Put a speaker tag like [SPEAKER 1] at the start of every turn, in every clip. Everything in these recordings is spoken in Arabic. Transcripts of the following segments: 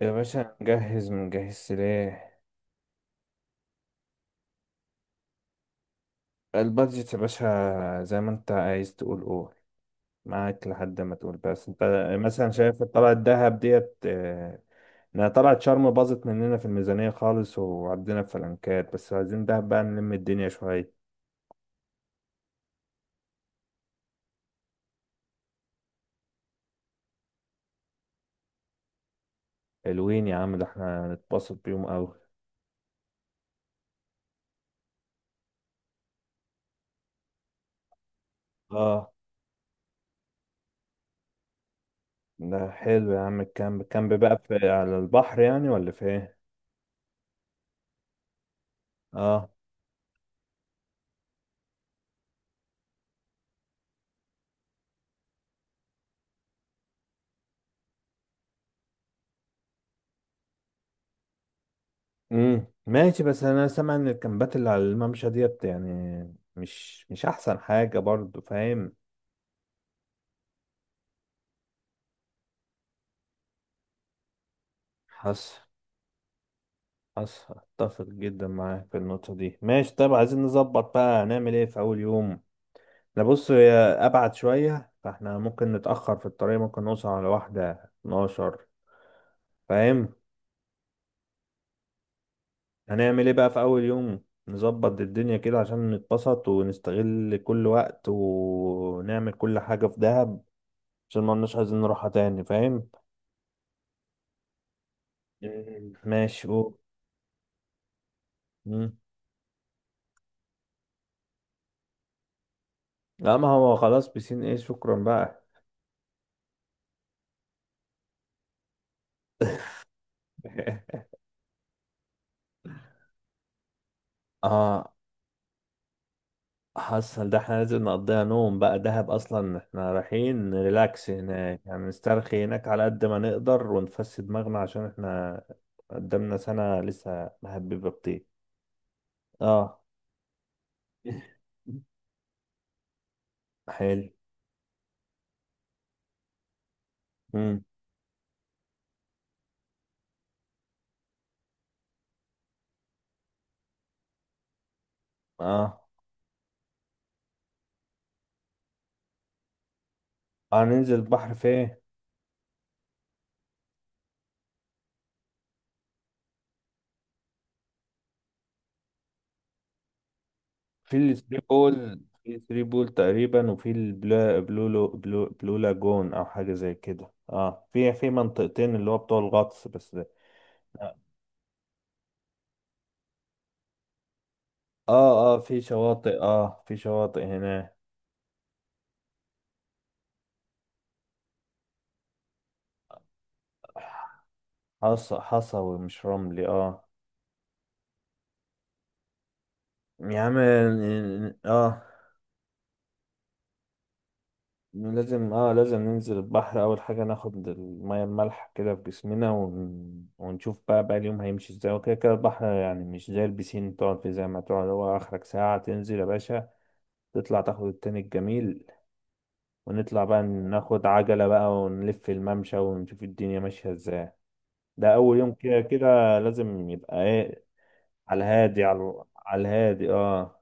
[SPEAKER 1] يا باشا نجهز منجهز سلاح. البادجت يا باشا زي ما انت عايز تقول قول، معاك لحد ما تقول. بس انت مثلا شايف طلعة الدهب ديت، انها طلعت شرم باظت مننا في الميزانية خالص وعدينا في فلنكات، بس عايزين دهب بقى نلم الدنيا شوية. حلوين يا عم، ده احنا هنتبسط بيهم اوي. اه. ده حلو يا عم. الكامب الكامب بقى في على البحر يعني ولا في ايه؟ اه. ماشي، بس انا سامع ان الكامبات اللي على الممشى ديت يعني مش احسن حاجة برضو، فاهم. حصل، حصل، اتفق جدا معاك في النقطة دي. ماشي طيب، عايزين نظبط بقى، هنعمل ايه في اول يوم؟ انا بص، هي ابعد شوية، فاحنا ممكن نتأخر في الطريق، ممكن نوصل على واحدة 12، فاهم. هنعمل ايه بقى في اول يوم؟ نظبط الدنيا كده عشان نتبسط ونستغل كل وقت ونعمل كل حاجة في دهب، عشان ما لناش عايزين نروحها تاني، فاهم. مم. ماشي، قول. مم. لا، ما هو خلاص، بسين ايه، شكرا بقى. اه، حصل، ده احنا لازم نقضيها نوم بقى. دهب اصلا احنا رايحين ريلاكس هناك يعني، نسترخي هناك على قد ما نقدر ونفسد دماغنا، عشان احنا قدامنا سنة لسه مهببة بطيء. اه. حلو. مم. اه، هننزل البحر فين؟ في الثري بول، في الثري بول تقريبا، وفي البلا بلو لو بلو, بلو لاجون او حاجه زي كده، اه، في منطقتين اللي هو بتوع الغطس بس ده. اه، اه، في شواطئ، اه في شواطئ هنا. حصى، حصوي مش رملي، اه. يا عم، اه لازم، اه لازم ننزل البحر اول حاجه، ناخد الميه المالحه كده في جسمنا، ونشوف بقى بقى اليوم هيمشي ازاي. وكده كده البحر يعني مش زي البسين تقعد فيه زي ما تقعد، هو اخرك ساعه تنزل يا باشا، تطلع تاخد التاني الجميل. ونطلع بقى ناخد عجلة بقى ونلف الممشى ونشوف الدنيا ماشية ازاي. ده أول يوم، كده كده لازم يبقى ايه. على الهادي، اه.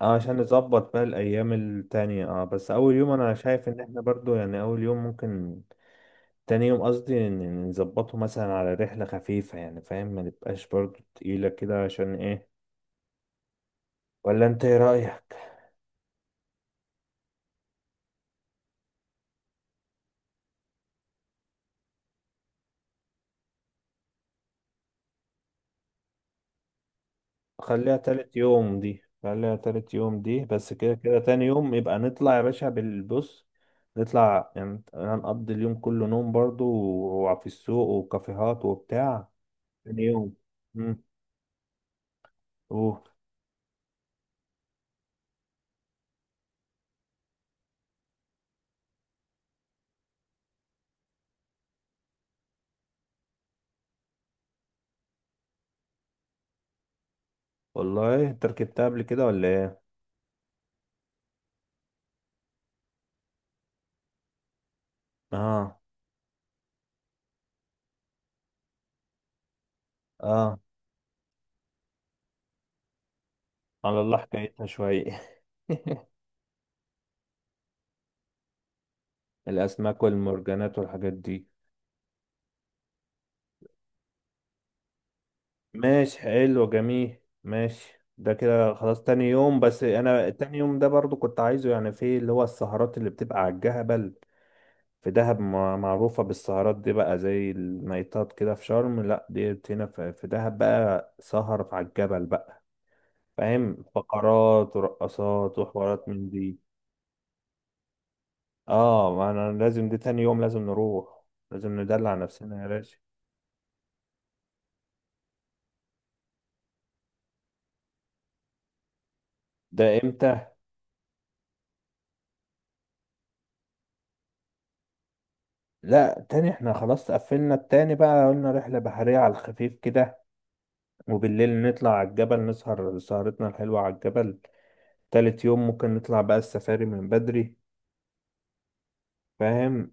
[SPEAKER 1] اه عشان نظبط بقى الأيام التانية، اه. بس أول يوم أنا شايف إن احنا برضو يعني أول يوم ممكن. تاني يوم قصدي إن نظبطه مثلا على رحلة خفيفة يعني، فاهم، ما نبقاش برضو تقيلة كده، عشان ايه. ولا انت ايه رأيك؟ خليها تالت يوم دي، خليها تالت يوم دي. بس كده كده تاني يوم يبقى نطلع يا باشا بالبص. نطلع يعني هنقضي اليوم كله نوم برضو، وفي السوق وكافيهات وبتاع. تاني يوم. مم. اوه. والله انت ركبتها قبل كده ولا ايه؟ اه، اه. على الله حكايتها شوية. الاسماك والمرجانات والحاجات دي. ماشي، حلو، جميل، ماشي. ده كده خلاص تاني يوم، بس انا تاني يوم ده برضو كنت عايزه يعني في اللي هو السهرات اللي بتبقى على الجبل. في دهب معروفة بالسهرات دي بقى، زي النايتات كده في شرم، لا دي هنا في دهب بقى، سهر على الجبل بقى، فاهم، فقرات ورقصات وحوارات من دي. اه، ما انا لازم دي تاني يوم لازم نروح، لازم ندلع نفسنا يا باشا. ده امتى؟ لا تاني احنا خلاص قفلنا، التاني بقى قلنا رحلة بحرية على الخفيف كده، وبالليل نطلع على الجبل نسهر سهرتنا الحلوة على الجبل. تالت يوم ممكن نطلع بقى السفاري من بدري، فاهم.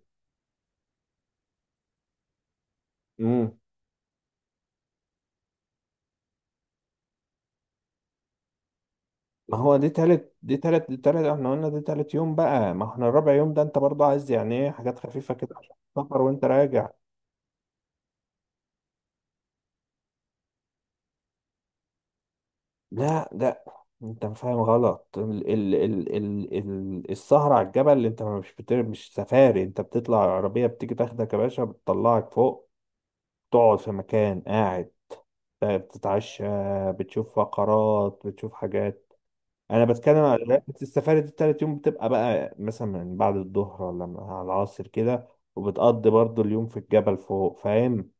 [SPEAKER 1] مم. ما هو دي تالت، دي تالت، دي تالت، احنا قلنا دي تالت يوم بقى. ما احنا الرابع يوم ده انت برضه عايز يعني ايه حاجات خفيفة كده عشان تسافر وانت راجع. لا، لا، انت فاهم غلط. ال ال ال ال ال السهرة على الجبل اللي انت مش سفاري، انت بتطلع العربية بتيجي تاخدك يا باشا بتطلعك فوق، تقعد في مكان قاعد، بتتعشى، بتشوف فقرات، بتشوف حاجات. انا بتكلم على رحلة السفاري دي، التالت يوم بتبقى بقى مثلا من بعد الظهر ولا من على العصر كده، وبتقضي برضو اليوم في الجبل فوق، فاهم.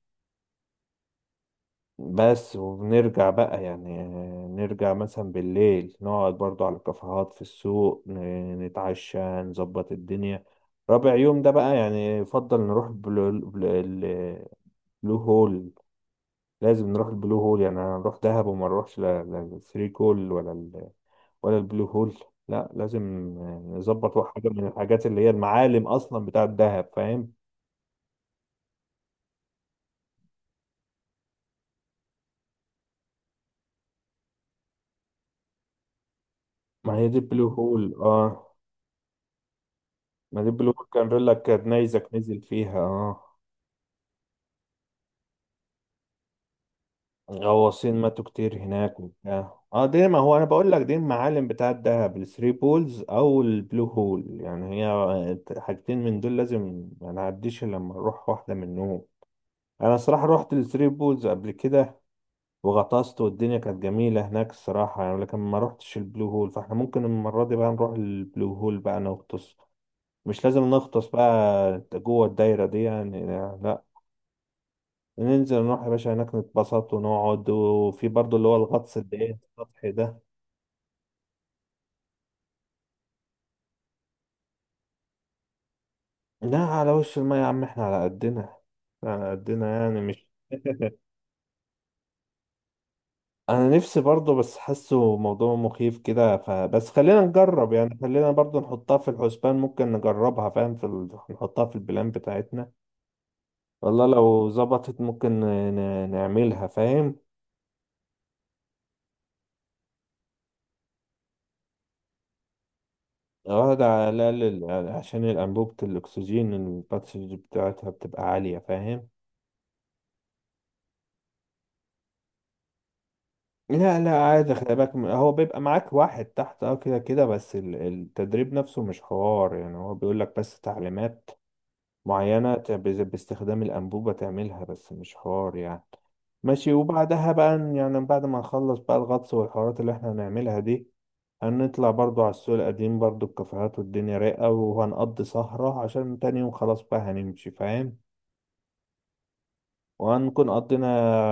[SPEAKER 1] بس وبنرجع بقى يعني، نرجع مثلا بالليل نقعد برضو على الكافيهات في السوق، نتعشى، نظبط الدنيا. رابع يوم ده بقى يعني يفضل نروح بلو هول. لازم نروح البلو هول يعني. انا نروح دهب وما نروحش لا لا الثري كول ولا ولا البلو هول؟ لا، لازم نظبط حاجة من الحاجات اللي هي المعالم اصلا بتاعة دهب، فاهم. ما هي دي البلو هول، اه. ما دي البلو هول كان بيقول لك كانت نيزك نزل فيها، اه، غواصين ماتوا كتير هناك وبتاع، اه. دي ما هو انا بقول لك دي المعالم بتاعة دهب، الثري بولز او البلو هول يعني، هي حاجتين من دول لازم ما نعديش إلا لما نروح واحدة منهم. انا صراحة رحت الثري بولز قبل كده وغطست والدنيا كانت جميلة هناك الصراحة يعني، لكن ما روحتش البلو هول، فاحنا ممكن المرة دي بقى نروح البلو هول بقى نغطس. مش لازم نغطس بقى جوه الدايرة دي يعني، لا، ننزل نروح يا باشا هناك نتبسط ونقعد، وفي برضو اللي هو الغطس اللي ايه السطحي ده. لا على وش المية يا عم، احنا على قدنا، على قدنا يعني مش انا نفسي برضو، بس حاسه موضوع مخيف كده، فبس خلينا نجرب يعني، خلينا برضو نحطها في الحسبان، ممكن نجربها، فاهم، نحطها في البلان بتاعتنا. والله لو ظبطت ممكن نعملها، فاهم. واحد على الأقل، ال- عشان الأنبوبة الأكسجين الباتشنج بتاعتها بتبقى عالية، فاهم. لا لا عادي خلي بالك، هو بيبقى معاك واحد تحت اه كده كده، بس ال- التدريب نفسه مش حوار يعني، هو بيقولك بس تعليمات معينة باستخدام الأنبوبة تعملها، بس مش حوار يعني. ماشي. وبعدها بقى يعني بعد ما نخلص بقى الغطس والحوارات اللي احنا هنعملها دي، هنطلع برضو على السوق القديم، برضو الكافيهات والدنيا رايقة، وهنقضي سهرة عشان تاني يوم خلاص بقى هنمشي، فاهم. وهنكون قضينا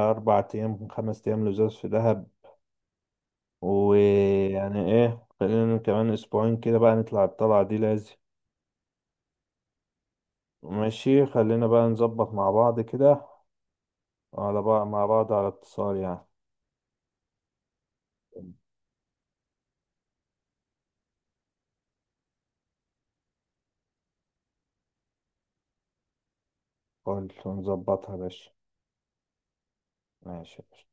[SPEAKER 1] 4 أيام، 5 أيام لزاز في دهب. ويعني إيه، خلينا كمان أسبوعين كده بقى نطلع الطلعة دي لازم. ماشي، خلينا بقى نظبط مع بعض كده، على بقى مع بعض على اتصال يعني. قول ونظبطها يا باشا. ماشي.